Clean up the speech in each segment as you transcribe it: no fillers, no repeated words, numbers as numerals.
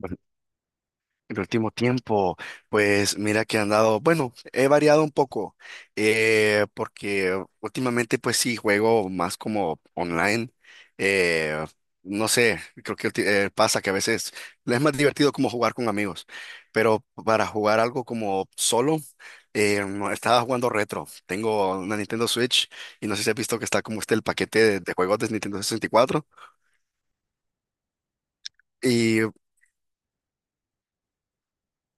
Pues el último tiempo, pues mira que he andado, bueno, he variado un poco, porque últimamente pues sí juego más como online, eh, no sé, pasa que a veces es más divertido como jugar con amigos, pero para jugar algo como solo, no, estaba jugando retro, tengo una Nintendo Switch y no sé si has visto que está como este el paquete de juegos de Nintendo 64.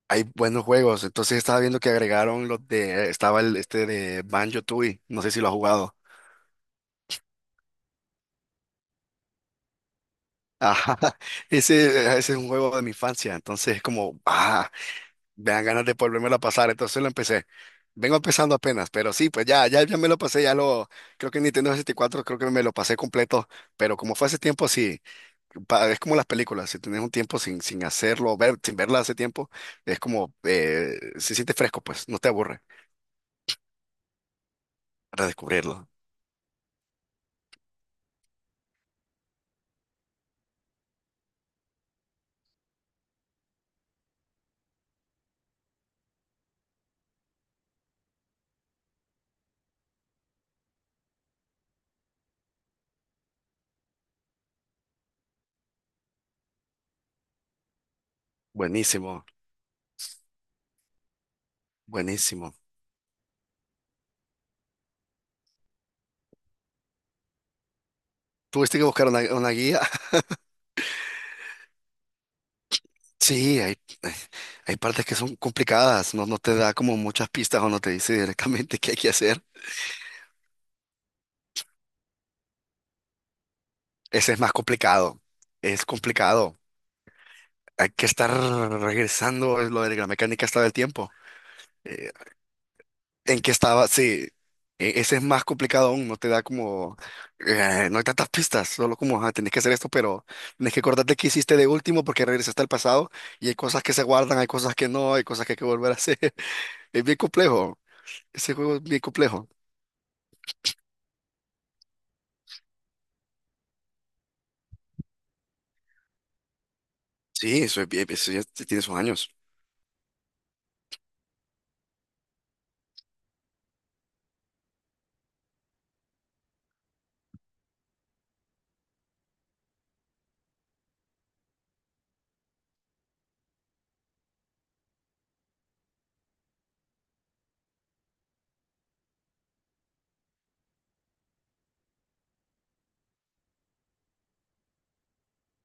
Hay buenos juegos. Entonces estaba viendo que agregaron los de, estaba el este de Banjo-Tooie. No sé si lo has jugado. Ajá. Ese, ese es un juego de mi infancia. Entonces es como, ah, me dan ganas de volvérmelo a pasar. Entonces lo empecé. Vengo empezando apenas, pero sí, pues ya me lo pasé, creo que en Nintendo sesenta y cuatro, creo que me lo pasé completo, pero como fue hace tiempo, sí, es como las películas, si tienes un tiempo sin hacerlo, sin verla hace tiempo, es como, se siente fresco, pues, no te aburre redescubrirlo. Buenísimo. Buenísimo. Tuviste que buscar una guía. Sí, eh, hay partes que son complicadas, no, no te da como muchas pistas o no te dice directamente qué hay que hacer. Ese es más complicado, es complicado. Hay que estar regresando, es lo de la mecánica está del tiempo. Eh, ¿En qué estaba? Sí, ese es más complicado aún, no te da como, no hay tantas pistas, solo como, ah, tenés que hacer esto, pero tenés que acordarte qué hiciste de último porque regresaste al pasado y hay cosas que se guardan, hay cosas que no, hay cosas que hay que volver a hacer. Es bien complejo. Ese juego es bien complejo. Sí, eso, eso ya tiene sus años.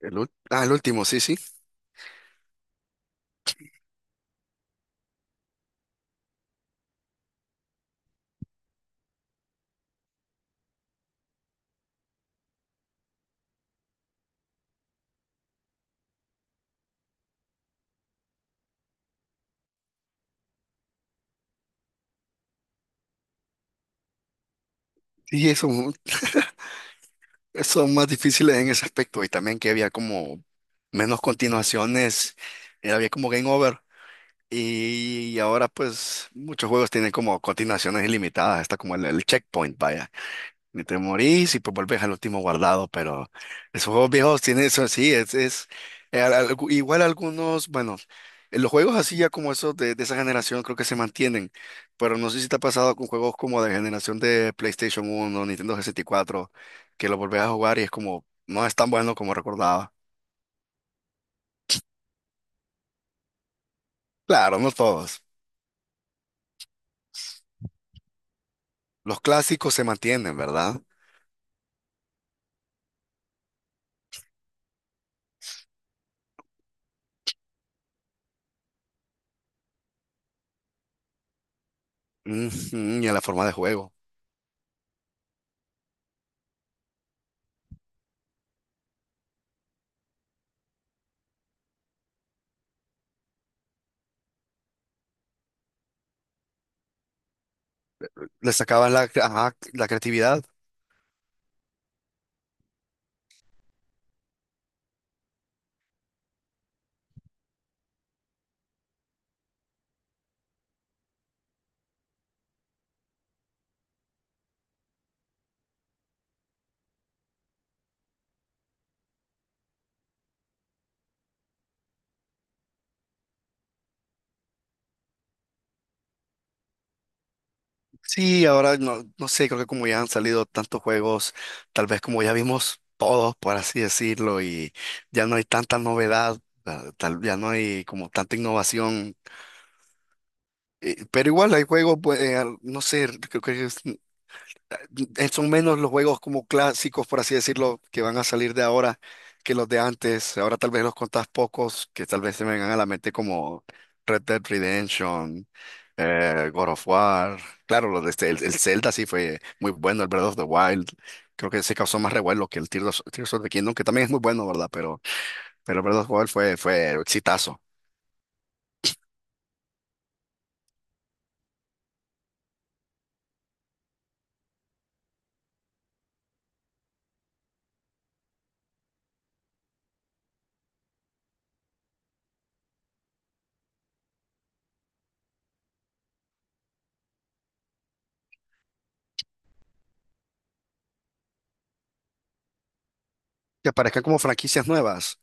El último, sí, sí. Sí, eso, son más difíciles en ese aspecto. Y también que había como menos continuaciones. Había como game over. Y ahora pues muchos juegos tienen como continuaciones ilimitadas. Está como el checkpoint, vaya. Ni te morís y pues volvés al último guardado, pero esos juegos viejos tienen eso, sí, igual algunos, bueno, los juegos así ya como esos de esa generación creo que se mantienen, pero no sé si te ha pasado con juegos como de generación de PlayStation uno Nintendo 64, que los volvés a jugar y es como, no es tan bueno como recordaba. Claro, no todos. Los clásicos se mantienen, ¿verdad? Ujú, y en la forma de juego. Le sacabas la, ajá, la creatividad. Sí, ahora no, no sé, creo que como ya han salido tantos juegos, tal vez como ya vimos todos, por así decirlo, y ya no hay tanta novedad, ya no hay como tanta innovación, pero igual hay juegos, pues, no sé, son menos los juegos como clásicos, por así decirlo, que van a salir de ahora que los de antes. Ahora tal vez los contás pocos, que tal vez se me vengan a la mente como Red Dead Redemption, God of War. Claro, los de el Zelda sí fue muy bueno, el Breath of the Wild. Creo que se causó más revuelo que el Tears of the Kingdom, que también es muy bueno, ¿verdad? Pero el Breath of the Wild fue exitazo. Que aparezcan como franquicias nuevas.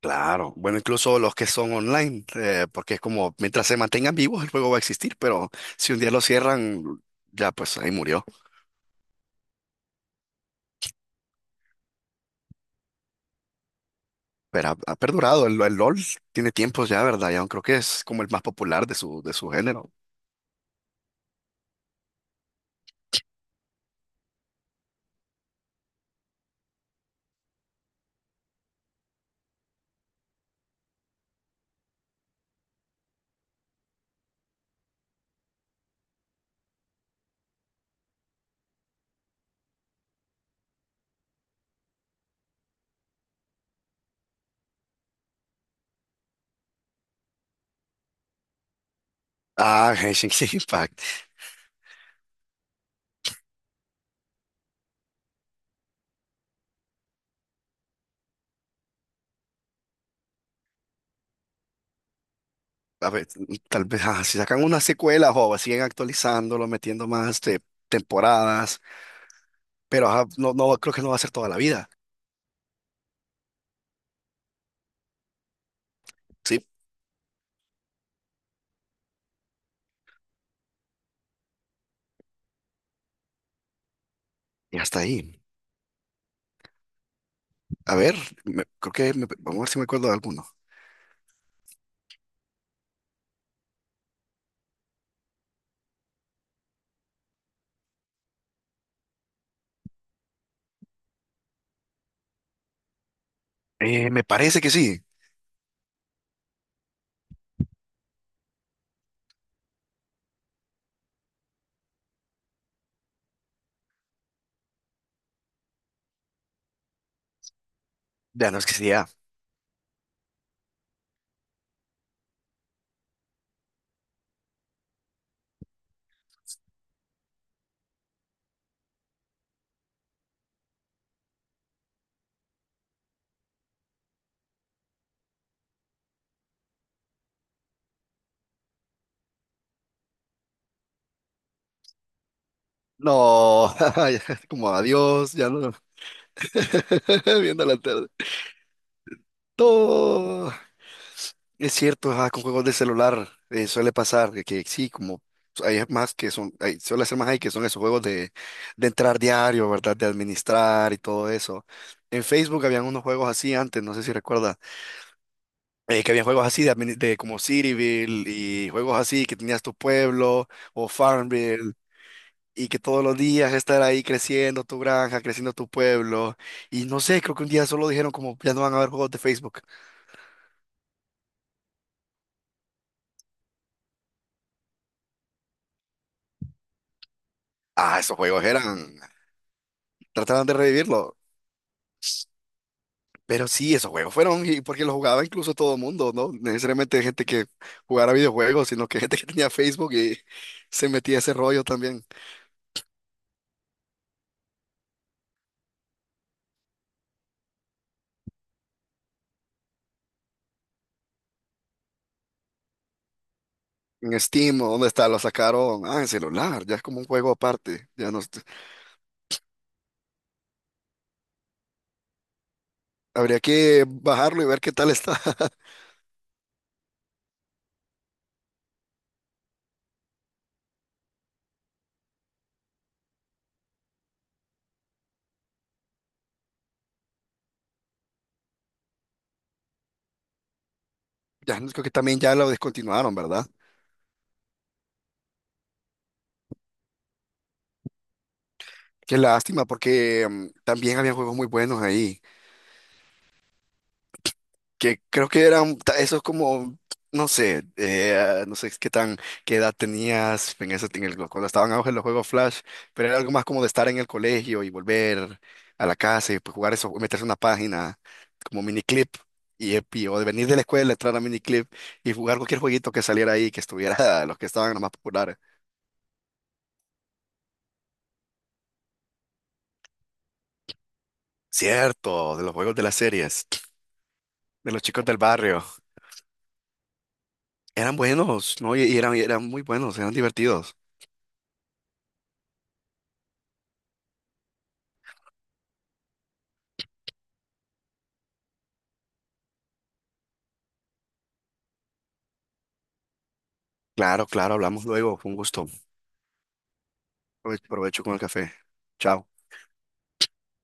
Claro, bueno, incluso los que son online, porque es como mientras se mantengan vivos el juego va a existir, pero si un día lo cierran, ya pues ahí murió. Pero ha perdurado, el LOL tiene tiempos ya, ¿verdad? Ya creo que es como el más popular de de su género. Ah, Genshin Impact. A ver, tal vez si sacan una secuela o siguen actualizándolo, metiendo más este, temporadas, pero ajá, no, no creo que no va a ser toda la vida. Sí, y hasta ahí. A ver, vamos a ver si me acuerdo de alguno. Me parece que sí. Ya no es que sea. No, como adiós, ya no. Viendo la tarde. No, es cierto, ajá, con juegos de celular suele pasar que sí, como hay más que son, hay- suele ser más ahí que son esos juegos de entrar diario, ¿verdad? De administrar y todo eso. En Facebook habían unos juegos así antes, no sé si recuerdas, que habían juegos así de como Cityville y juegos así que tenías tu pueblo o Farmville. Y que todos los días estar ahí creciendo tu granja, creciendo tu pueblo. Y no sé, creo que un día solo dijeron como ya no van a haber juegos de Facebook. Ah, esos juegos eran, trataban de revivirlo. Pero sí, esos juegos fueron, y porque los jugaba incluso todo el mundo, ¿no? No necesariamente gente que jugara videojuegos, sino que gente que tenía Facebook y se metía a ese rollo también. En Steam, ¿o dónde está? Lo sacaron, ah, en celular, ya es como un juego aparte. Ya no, est- habría que bajarlo y ver qué tal está. Ya creo que también ya lo descontinuaron, ¿verdad? Qué lástima, porque también había juegos muy buenos ahí, que creo que esos como, no sé, no sé qué edad tenías en ese, cuando estaban en auge los juegos Flash, pero era algo más como de estar en el colegio y volver a la casa y pues, jugar eso, meterse en una página como miniclip o de venir de la escuela, entrar a miniclip y jugar cualquier jueguito que saliera ahí, los que estaban los más populares. Cierto, de los juegos de las series, de los chicos del barrio. Eran buenos, ¿no? Y eran muy buenos, eran divertidos. Claro, claro, hablamos luego. Fue un gusto. Provecho con el café. Chao.